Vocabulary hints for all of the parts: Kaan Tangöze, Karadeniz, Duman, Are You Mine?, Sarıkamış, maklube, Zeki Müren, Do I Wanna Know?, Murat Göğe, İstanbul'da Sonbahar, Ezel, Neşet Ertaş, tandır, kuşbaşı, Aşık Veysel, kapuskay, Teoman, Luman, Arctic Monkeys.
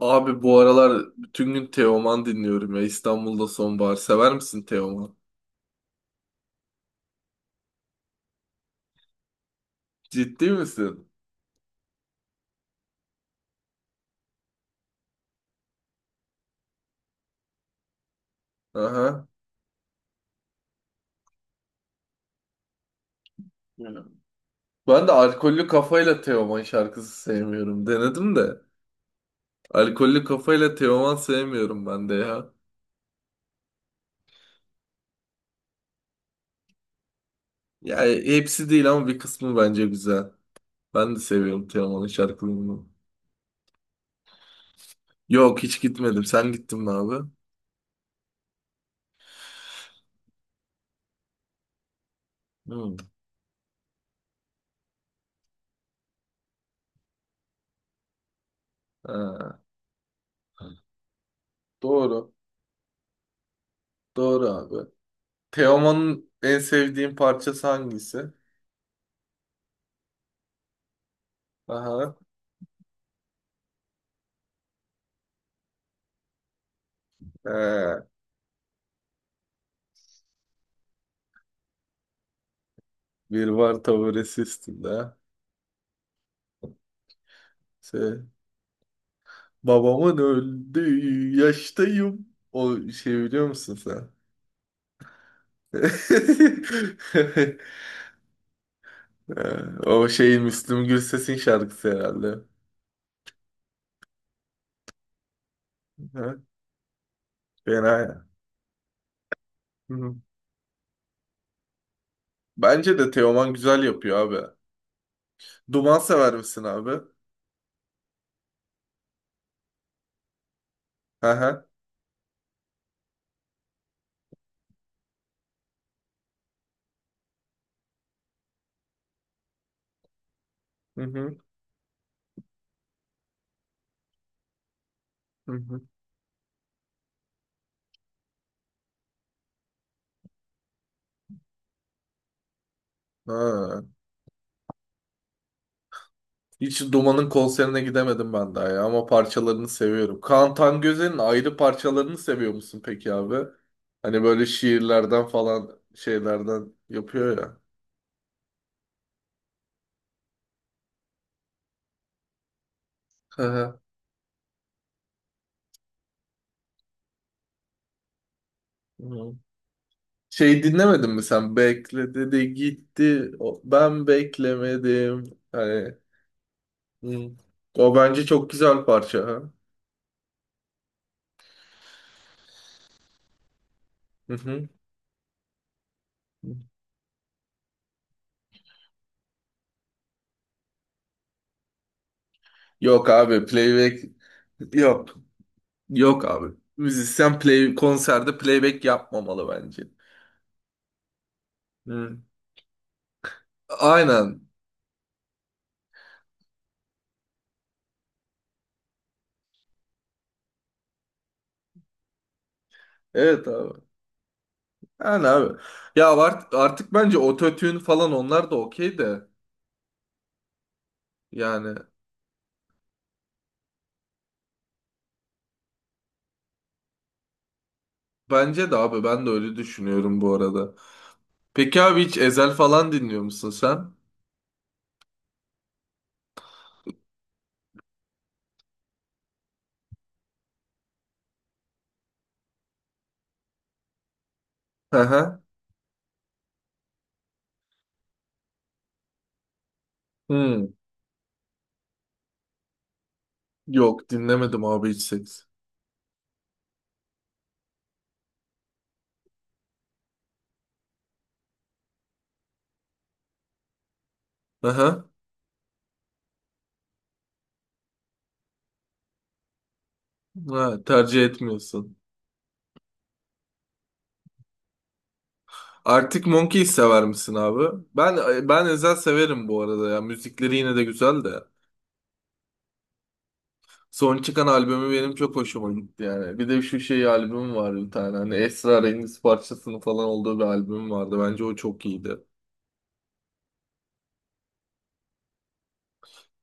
Abi bu aralar bütün gün Teoman dinliyorum ya. İstanbul'da Sonbahar. Sever misin Teoman? Ciddi misin? Aha. Hmm. Ben de alkollü kafayla Teoman şarkısı sevmiyorum. Denedim de. Alkollü kafayla Teoman sevmiyorum ben de ya. Ya hepsi değil ama bir kısmı bence güzel. Ben de seviyorum Teoman'ın şarkılarını. Yok, hiç gitmedim. Sen gittin mi abi? Hmm. Ha. Doğru. Doğru abi. Teoman'ın en sevdiğin parçası hangisi? Aha. Ee, Bir var taburesi üstünde. Şey, babamın öldüğü yaştayım. O şeyi biliyor musun sen? O şey Müslüm Gürses'in şarkısı herhalde. Ha. Fena ya. Hı. Bence de Teoman güzel yapıyor abi. Duman sever misin abi? Hı hı. Hı hı. Hı hı. Ha. Hiç Duman'ın konserine gidemedim ben daha ya, ama parçalarını seviyorum. Kaan Tangöze'nin ayrı parçalarını seviyor musun peki abi? Hani böyle şiirlerden falan şeylerden yapıyor ya. Hı hı. Hı. Şey dinlemedin mi sen? Bekle dedi gitti. Ben beklemedim. Hani, hı. O bence çok güzel parça. Ha. Hı hı. Yok abi, playback yok. Yok abi. Müzisyen konserde playback yapmamalı bence. Hı. Aynen. Evet abi. Yani abi. Artık bence ototune falan onlar da okey de. Yani bence de abi, ben de öyle düşünüyorum bu arada. Peki abi, hiç Ezel falan dinliyor musun sen? Hı hı. Hmm. Yok, dinlemedim abi hiç seks. Hı hı. Ha, tercih etmiyorsun. Artık Monkey'i sever misin abi? Ben Ezel severim bu arada ya. Müzikleri yine de güzel de. Son çıkan albümü benim çok hoşuma gitti yani. Bir de şu şey albüm var bir tane. Hani Esrarengiz parçasının falan olduğu bir albüm vardı. Bence o çok iyiydi.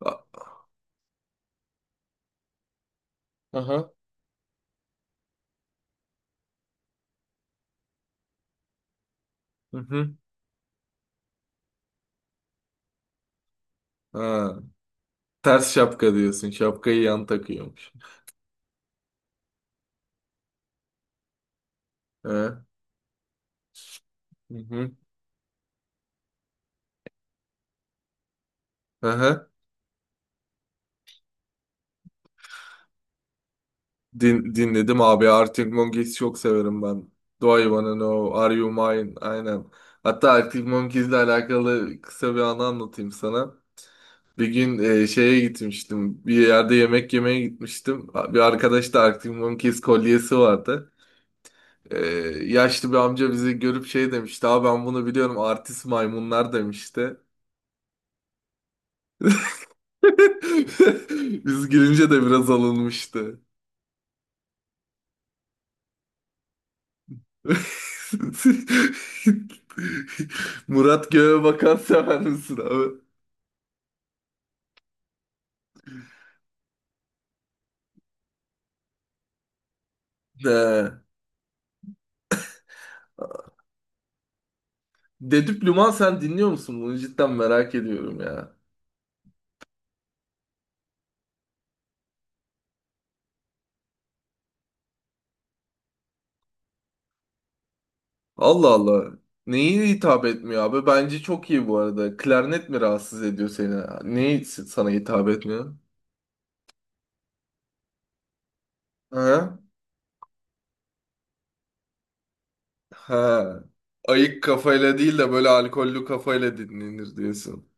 A-. Aha. Hı hı. Ha. Ters şapka diyorsun. Şapkayı yan takıyormuş. He. Hı hı. Aha. Dinledim abi. Arctic Monkeys çok severim ben. Do I Wanna Know? Are You Mine? Aynen. Hatta Arctic Monkeys'le alakalı kısa bir anı anlatayım sana. Bir gün şeye gitmiştim. Bir yerde yemek yemeye gitmiştim. Bir arkadaş da Arctic Monkeys kolyesi vardı. E, yaşlı bir amca bizi görüp şey demişti. Abi, ben bunu biliyorum, artist maymunlar demişti. Biz girince de biraz alınmıştı. Murat Göğe bakan sever misin abi? He. Dedüp Luman sen dinliyor musun? Bunu cidden merak ediyorum ya. Allah Allah. Neyi hitap etmiyor abi? Bence çok iyi bu arada. Klarnet mi rahatsız ediyor seni? Neyi sana hitap etmiyor? Ha? Ha. Ayık kafayla değil de böyle alkollü kafayla dinlenir diyorsun.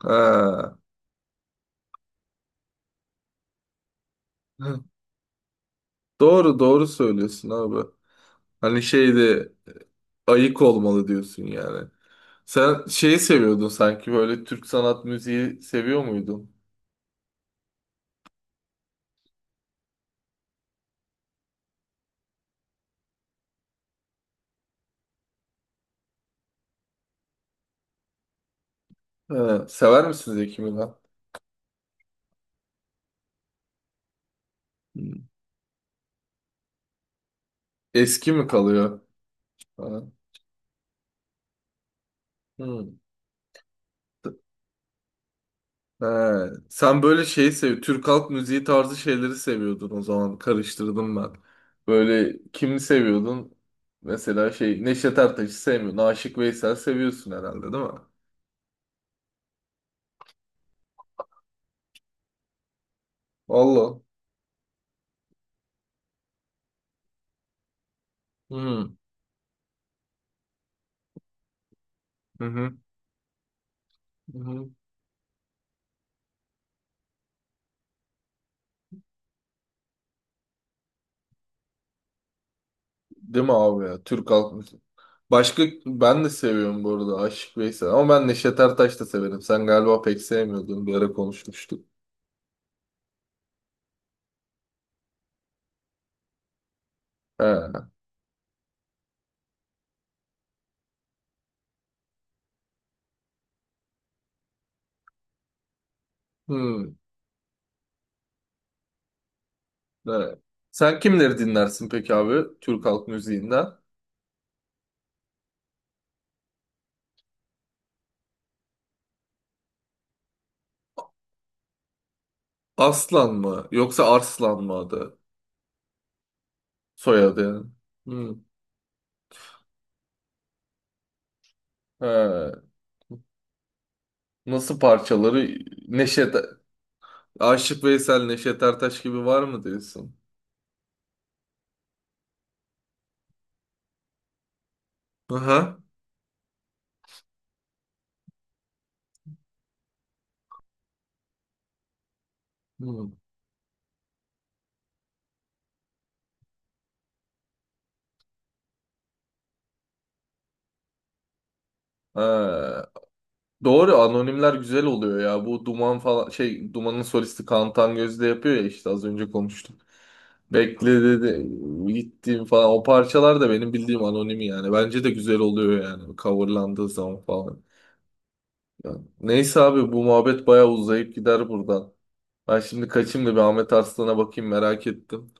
Ha. Hı. Doğru doğru söylüyorsun abi. Hani şeyde ayık olmalı diyorsun yani. Sen şeyi seviyordun sanki, böyle Türk sanat müziği seviyor muydun? Ha. Sever misin Zeki Müren? Hı. Eski mi kalıyor? Ha. Hı. He, sen böyle şeyi sev, Türk halk müziği tarzı şeyleri seviyordun o zaman. Karıştırdım ben. Böyle kimi seviyordun? Mesela şey, Neşet Ertaş'ı sevmiyorsun. Aşık Veysel seviyorsun herhalde, değil mi? Allah. Hı hı. Hı hı. Değil mi abi ya? Türk halk müziği. Başka ben de seviyorum bu arada Aşık Veysel. Ama ben Neşet Ertaş da severim. Sen galiba pek sevmiyordun. Bir ara konuşmuştuk. He. Hı. Evet. Sen kimleri dinlersin peki abi, Türk halk müziğinden? Aslan mı yoksa Arslan mı adı? Soyadı yani. Hmm. He. Nasıl parçaları? Neşet Aşık Veysel, Neşet Ertaş gibi var mı diyorsun? Aha. Hmm. He. Doğru, anonimler güzel oluyor ya. Bu Duman falan, şey Duman'ın solisti Kaan Tangöz de yapıyor ya, işte az önce konuştuk. Bekle dedi gittiğim falan o parçalar da benim bildiğim anonim yani. Bence de güzel oluyor yani coverlandığı zaman falan. Ya, neyse abi, bu muhabbet bayağı uzayıp gider buradan. Ben şimdi kaçayım da bir Ahmet Arslan'a bakayım, merak ettim.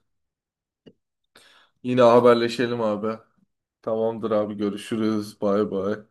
Yine haberleşelim abi. Tamamdır abi, görüşürüz. Bay bay.